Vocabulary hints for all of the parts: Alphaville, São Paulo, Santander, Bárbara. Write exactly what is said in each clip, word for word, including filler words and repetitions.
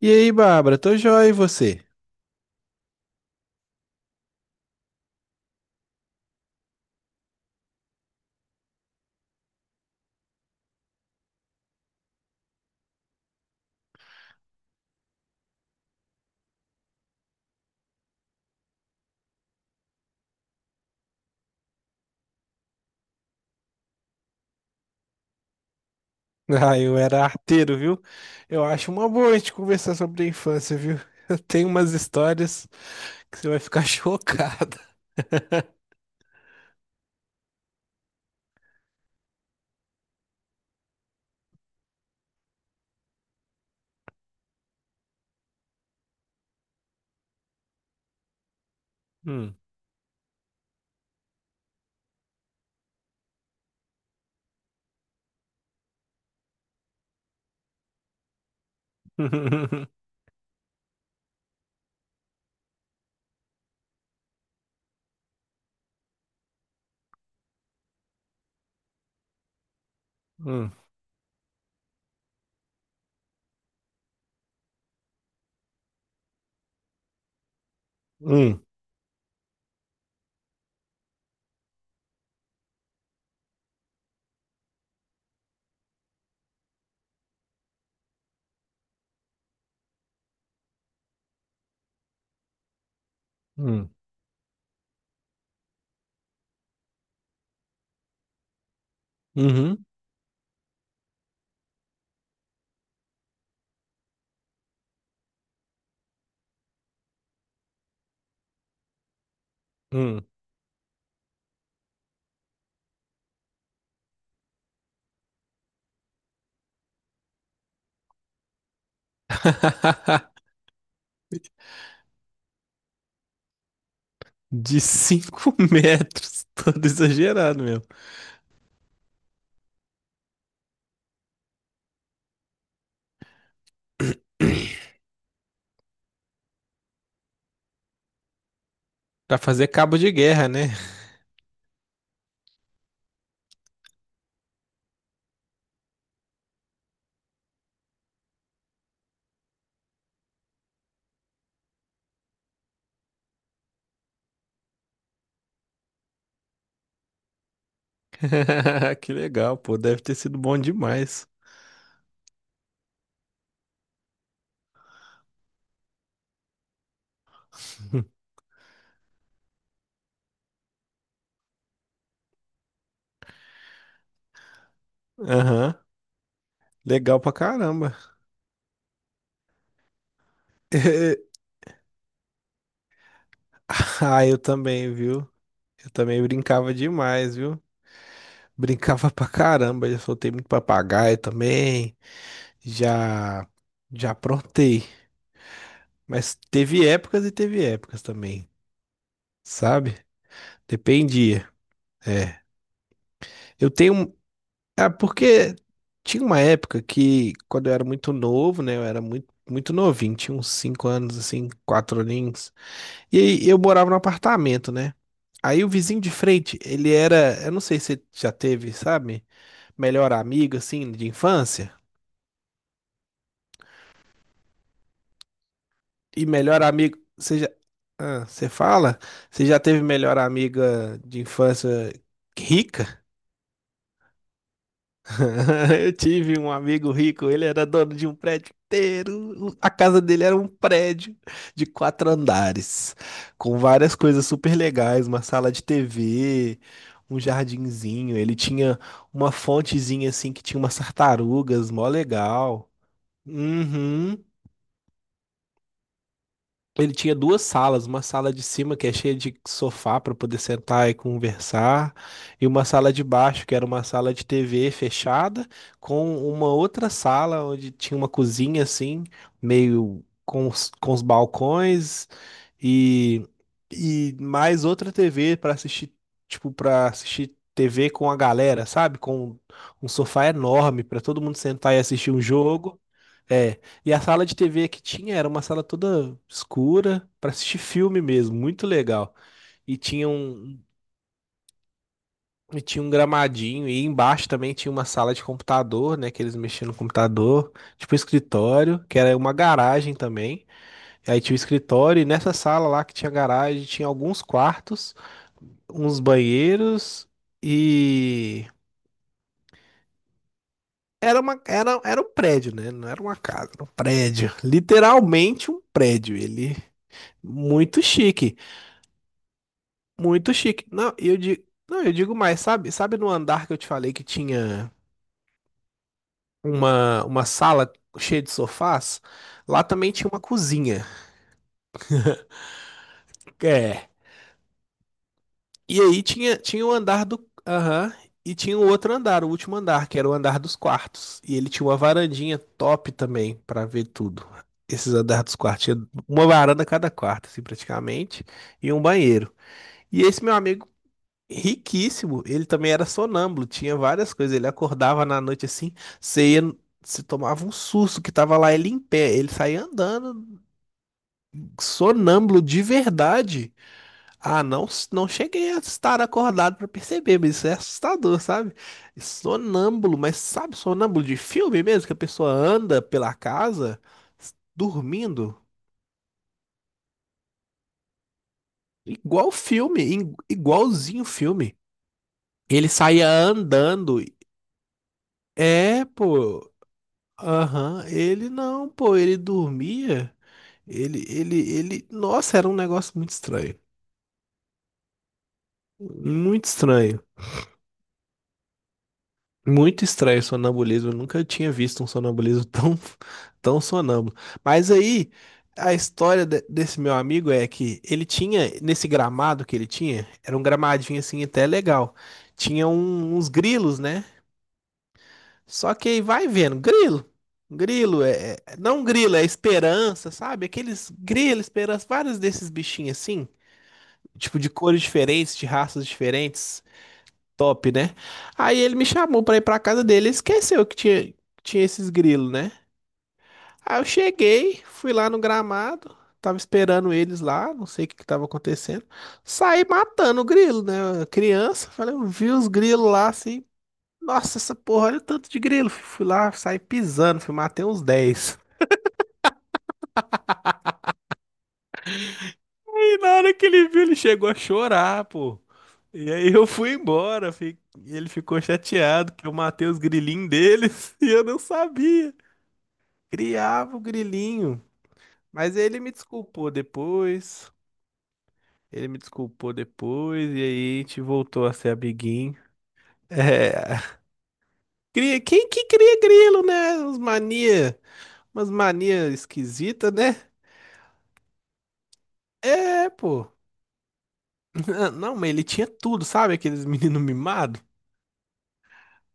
E aí, Bárbara, tô joia e você? Ah, eu era arteiro, viu? Eu acho uma boa a gente conversar sobre a infância, viu? Eu tenho umas histórias que você vai ficar chocada. Hum. Hum. Hum. Hum. Uhum. Hum. De cinco metros, todo exagerado mesmo. Pra fazer cabo de guerra, né? Que legal, pô, deve ter sido bom demais. Aham, legal pra caramba. Ah, eu também, viu? Eu também brincava demais, viu? Brincava pra caramba, já soltei muito papagaio também, já já aprontei, mas teve épocas e teve épocas também, sabe? Dependia. É. Eu tenho, um- ah, porque tinha uma época que quando eu era muito novo, né, eu era muito muito novinho, tinha uns cinco anos assim, quatro aninhos. E aí eu morava num apartamento, né? Aí o vizinho de frente, ele era, eu não sei se você já teve, sabe? Melhor amigo, assim, de infância? E melhor amigo, você já... Ah, você fala? Você já teve melhor amiga de infância rica? Eu tive um amigo rico, ele era dono de um prédio inteiro. A casa dele era um prédio de quatro andares, com várias coisas super legais, uma sala de T V, um jardinzinho. Ele tinha uma fontezinha assim que tinha umas tartarugas, mó legal. Uhum. Ele tinha duas salas, uma sala de cima que é cheia de sofá para poder sentar e conversar, e uma sala de baixo que era uma sala de T V fechada, com uma outra sala onde tinha uma cozinha assim, meio com os, com os balcões e, e mais outra T V para assistir, tipo, para assistir T V com a galera, sabe? Com um sofá enorme para todo mundo sentar e assistir um jogo é, e a sala de T V que tinha era uma sala toda escura para assistir filme mesmo, muito legal. E tinha um, e tinha um gramadinho, e embaixo também tinha uma sala de computador, né, que eles mexiam no computador, tipo escritório, que era uma garagem também. E aí tinha o escritório, e nessa sala lá que tinha garagem, tinha alguns quartos, uns banheiros e era uma, era, era um prédio, né? Não era uma casa, era um prédio. Literalmente um prédio. Ele muito chique. Muito chique. Não, eu digo, não, eu digo mais, sabe? Sabe no andar que eu te falei que tinha uma, uma sala cheia de sofás? Lá também tinha uma cozinha. É. E aí tinha, tinha o andar do. Aham. E tinha o outro andar, o último andar, que era o andar dos quartos. E ele tinha uma varandinha top também pra ver tudo. Esses andares dos quartos. Tinha uma varanda a cada quarto, assim, praticamente. E um banheiro. E esse meu amigo, riquíssimo. Ele também era sonâmbulo, tinha várias coisas. Ele acordava na noite assim, você ia, você tomava um susto que tava lá ele em pé. Ele saía andando sonâmbulo de verdade. Ah, não, não cheguei a estar acordado pra perceber, mas isso é assustador, sabe? Sonâmbulo, mas sabe, sonâmbulo de filme mesmo, que a pessoa anda pela casa dormindo, igual filme, igualzinho filme. Ele saía andando. É, pô. Aham, ele não, pô, ele dormia. Ele, ele, ele. Nossa, era um negócio muito estranho. Muito estranho. Muito estranho o sonambulismo. Eu nunca tinha visto um sonambulismo tão, tão sonâmbulo. Mas aí, a história de- desse meu amigo é que ele tinha, nesse gramado que ele tinha, era um gramadinho assim até legal. Tinha um- uns grilos, né? Só que aí vai vendo, grilo. Grilo é, é- não grilo, é esperança, sabe? Aqueles grilo, esperança, vários desses bichinhos assim, tipo de cores diferentes, de raças diferentes, top, né? Aí ele me chamou pra ir pra casa dele, ele esqueceu que tinha, tinha esses grilos, né? Aí eu cheguei, fui lá no gramado, tava esperando eles lá, não sei o que que tava acontecendo. Saí matando o grilo, né? Criança, falei, eu vi os grilos lá assim, nossa, essa porra, olha o tanto de grilo. Fui lá, saí pisando, fui matei uns dez. E na hora que ele viu, ele chegou a chorar, pô. E aí eu fui embora, fi- ele ficou chateado que eu matei os grilinhos deles e eu não sabia. Criava o grilinho. Mas ele me desculpou depois. Ele me desculpou depois e aí a gente voltou a ser amiguinho. É. Cria, quem que cria grilo, né? Uns mania, umas mania esquisita, né? É, pô. Ah, não, mas ele tinha tudo, sabe? Aqueles meninos mimados.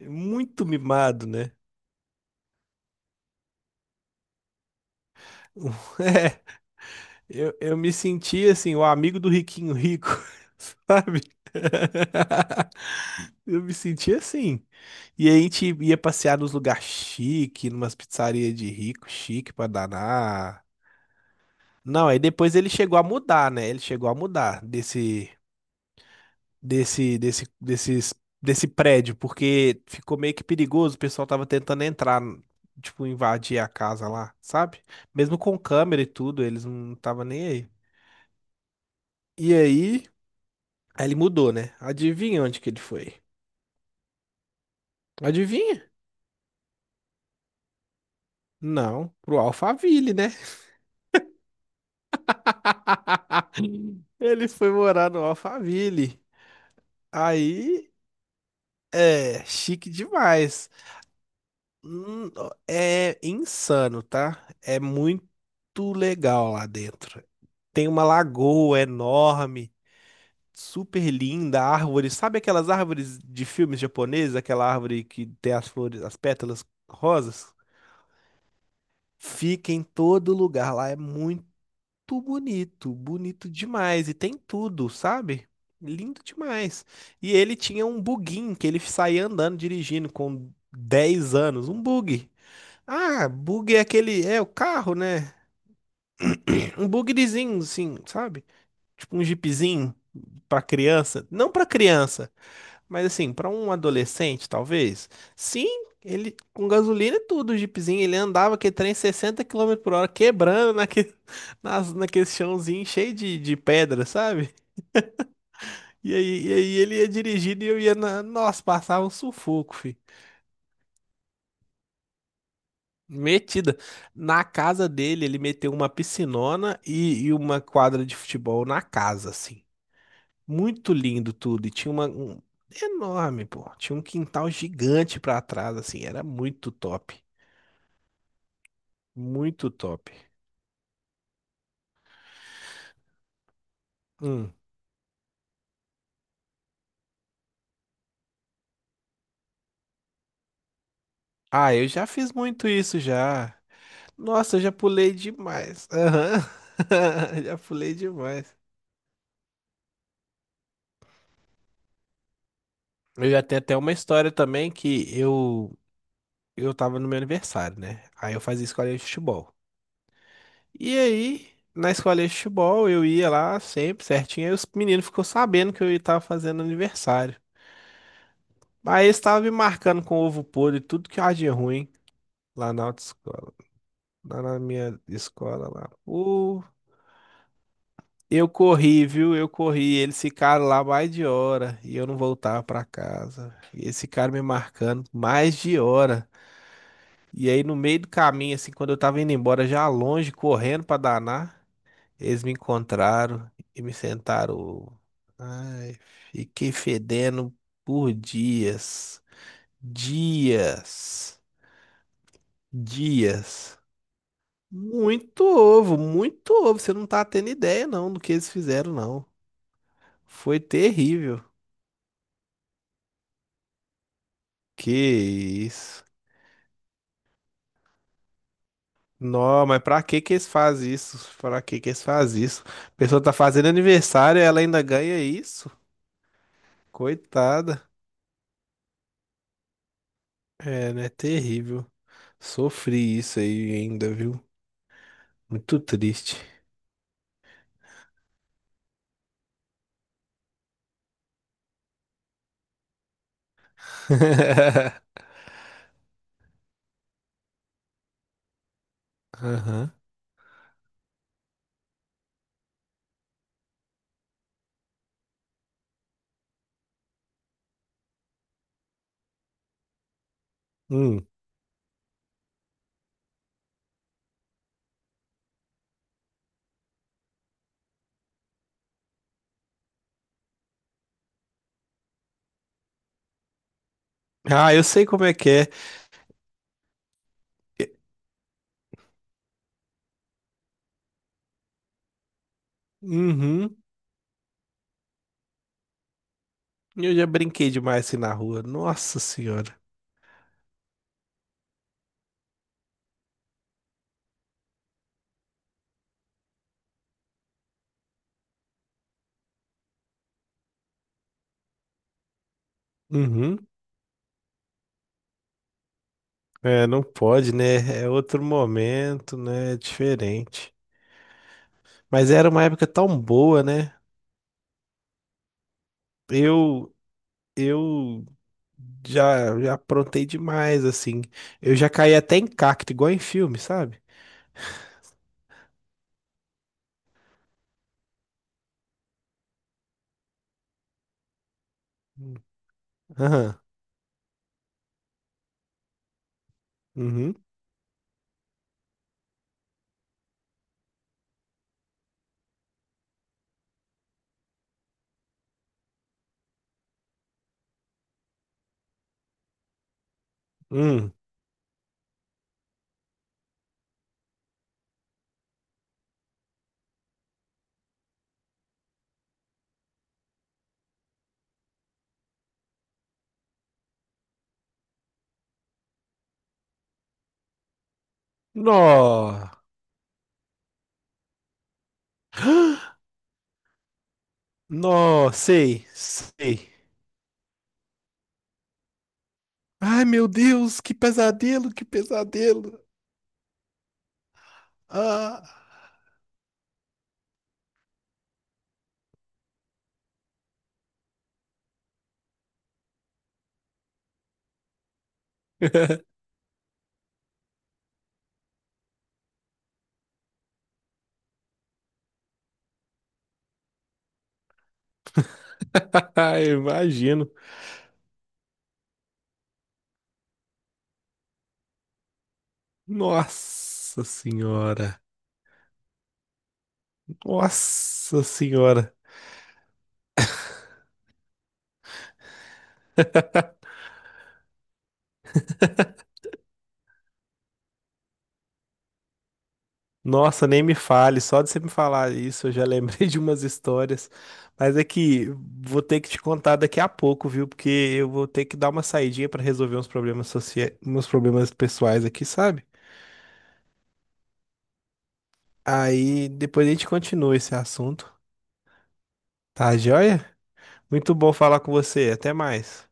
Muito mimado, né? É, eu, eu me sentia assim, o amigo do riquinho rico, sabe? Eu me sentia assim. E aí a gente ia passear nos lugares chique, numas pizzarias de rico, chique pra danar. Não, aí depois ele chegou a mudar, né? Ele chegou a mudar desse desse, desse, desses, desse prédio, porque ficou meio que perigoso, o pessoal tava tentando entrar, tipo, invadir a casa lá, sabe? Mesmo com câmera e tudo, eles não estavam nem aí. E aí, aí ele mudou, né? Adivinha onde que ele foi? Adivinha? Não, pro Alphaville, né? Ele foi morar no Alphaville. Aí, é, chique demais. Hum, ó, é insano, tá? É muito legal lá dentro. Tem uma lagoa enorme, super linda, árvores. Sabe aquelas árvores de filmes japoneses, aquela árvore que tem as flores, as pétalas rosas? Fica em todo lugar lá. É muito bonito, bonito demais. E tem tudo, sabe? Lindo demais. E ele tinha um buguinho que ele saía andando, dirigindo com dez anos, um bug. Ah, bug é aquele. É o carro, né? Um bugzinho, assim, sabe? Tipo um jeepzinho pra criança. Não pra criança, mas assim, pra um adolescente, talvez. Sim, ele com gasolina e tudo, o jeepzinho. Ele andava aquele trem sessenta quilômetros por hora, quebrando naquele, nas, naquele chãozinho cheio de, de pedra, sabe? E aí, e aí ele ia dirigindo e eu ia na. Nossa, passava um sufoco. Metida. Na casa dele, ele meteu uma piscinona e, e uma quadra de futebol na casa, assim. Muito lindo tudo. E tinha uma um- enorme, pô. Tinha um quintal gigante pra trás, assim. Era muito top. Muito top. Hum. Ah, eu já fiz muito isso já. Nossa, eu já pulei demais. Aham. Já pulei demais. Eu já tenho até uma história também que eu eu tava no meu aniversário, né? Aí eu fazia escolinha de futebol. E aí, na escolinha de futebol, eu ia lá sempre certinho. Aí os meninos ficou sabendo que eu estava fazendo aniversário. Aí eles estavam me marcando com ovo podre, e tudo que há de ruim lá na autoescola, lá na minha escola lá. Pô, eu corri, viu? Eu corri. Eles ficaram lá mais de hora e eu não voltava para casa. E eles ficaram me marcando mais de hora. E aí, no meio do caminho, assim, quando eu tava indo embora, já longe, correndo para danar. Eles me encontraram e me sentaram. Ai, fiquei fedendo por dias. Dias. Dias. Muito ovo, muito ovo. Você não tá tendo ideia, não, do que eles fizeram, não. Foi terrível. Que isso. Não, mas pra que que eles fazem isso? Pra que que eles fazem isso? A pessoa tá fazendo aniversário e ela ainda ganha isso? Coitada. É, né? Terrível. Sofri isso aí ainda, viu? Muito triste. Aham. Hum. Ah, eu sei como é que é. E- Uhum. Eu já brinquei demais assim na rua. Nossa Senhora. Uhum. É, não pode, né? É outro momento, né? É diferente. Mas era uma época tão boa, né? Eu, eu já, já aprontei demais, assim. Eu já caí até em cacto, igual em filme, sabe? Aham. Uhum. Hum. Nó. Nó, sei, sei. Ai, meu Deus, que pesadelo, que pesadelo. Ah. Imagino. Nossa senhora. Nossa senhora. Nossa, nem me fale. Só de você me falar isso, eu já lembrei de umas histórias. Mas é que vou ter que te contar daqui a pouco, viu? Porque eu vou ter que dar uma saidinha para resolver uns problemas sociais, uns problemas pessoais aqui, sabe? Aí depois a gente continua esse assunto. Tá, joia? Muito bom falar com você. Até mais.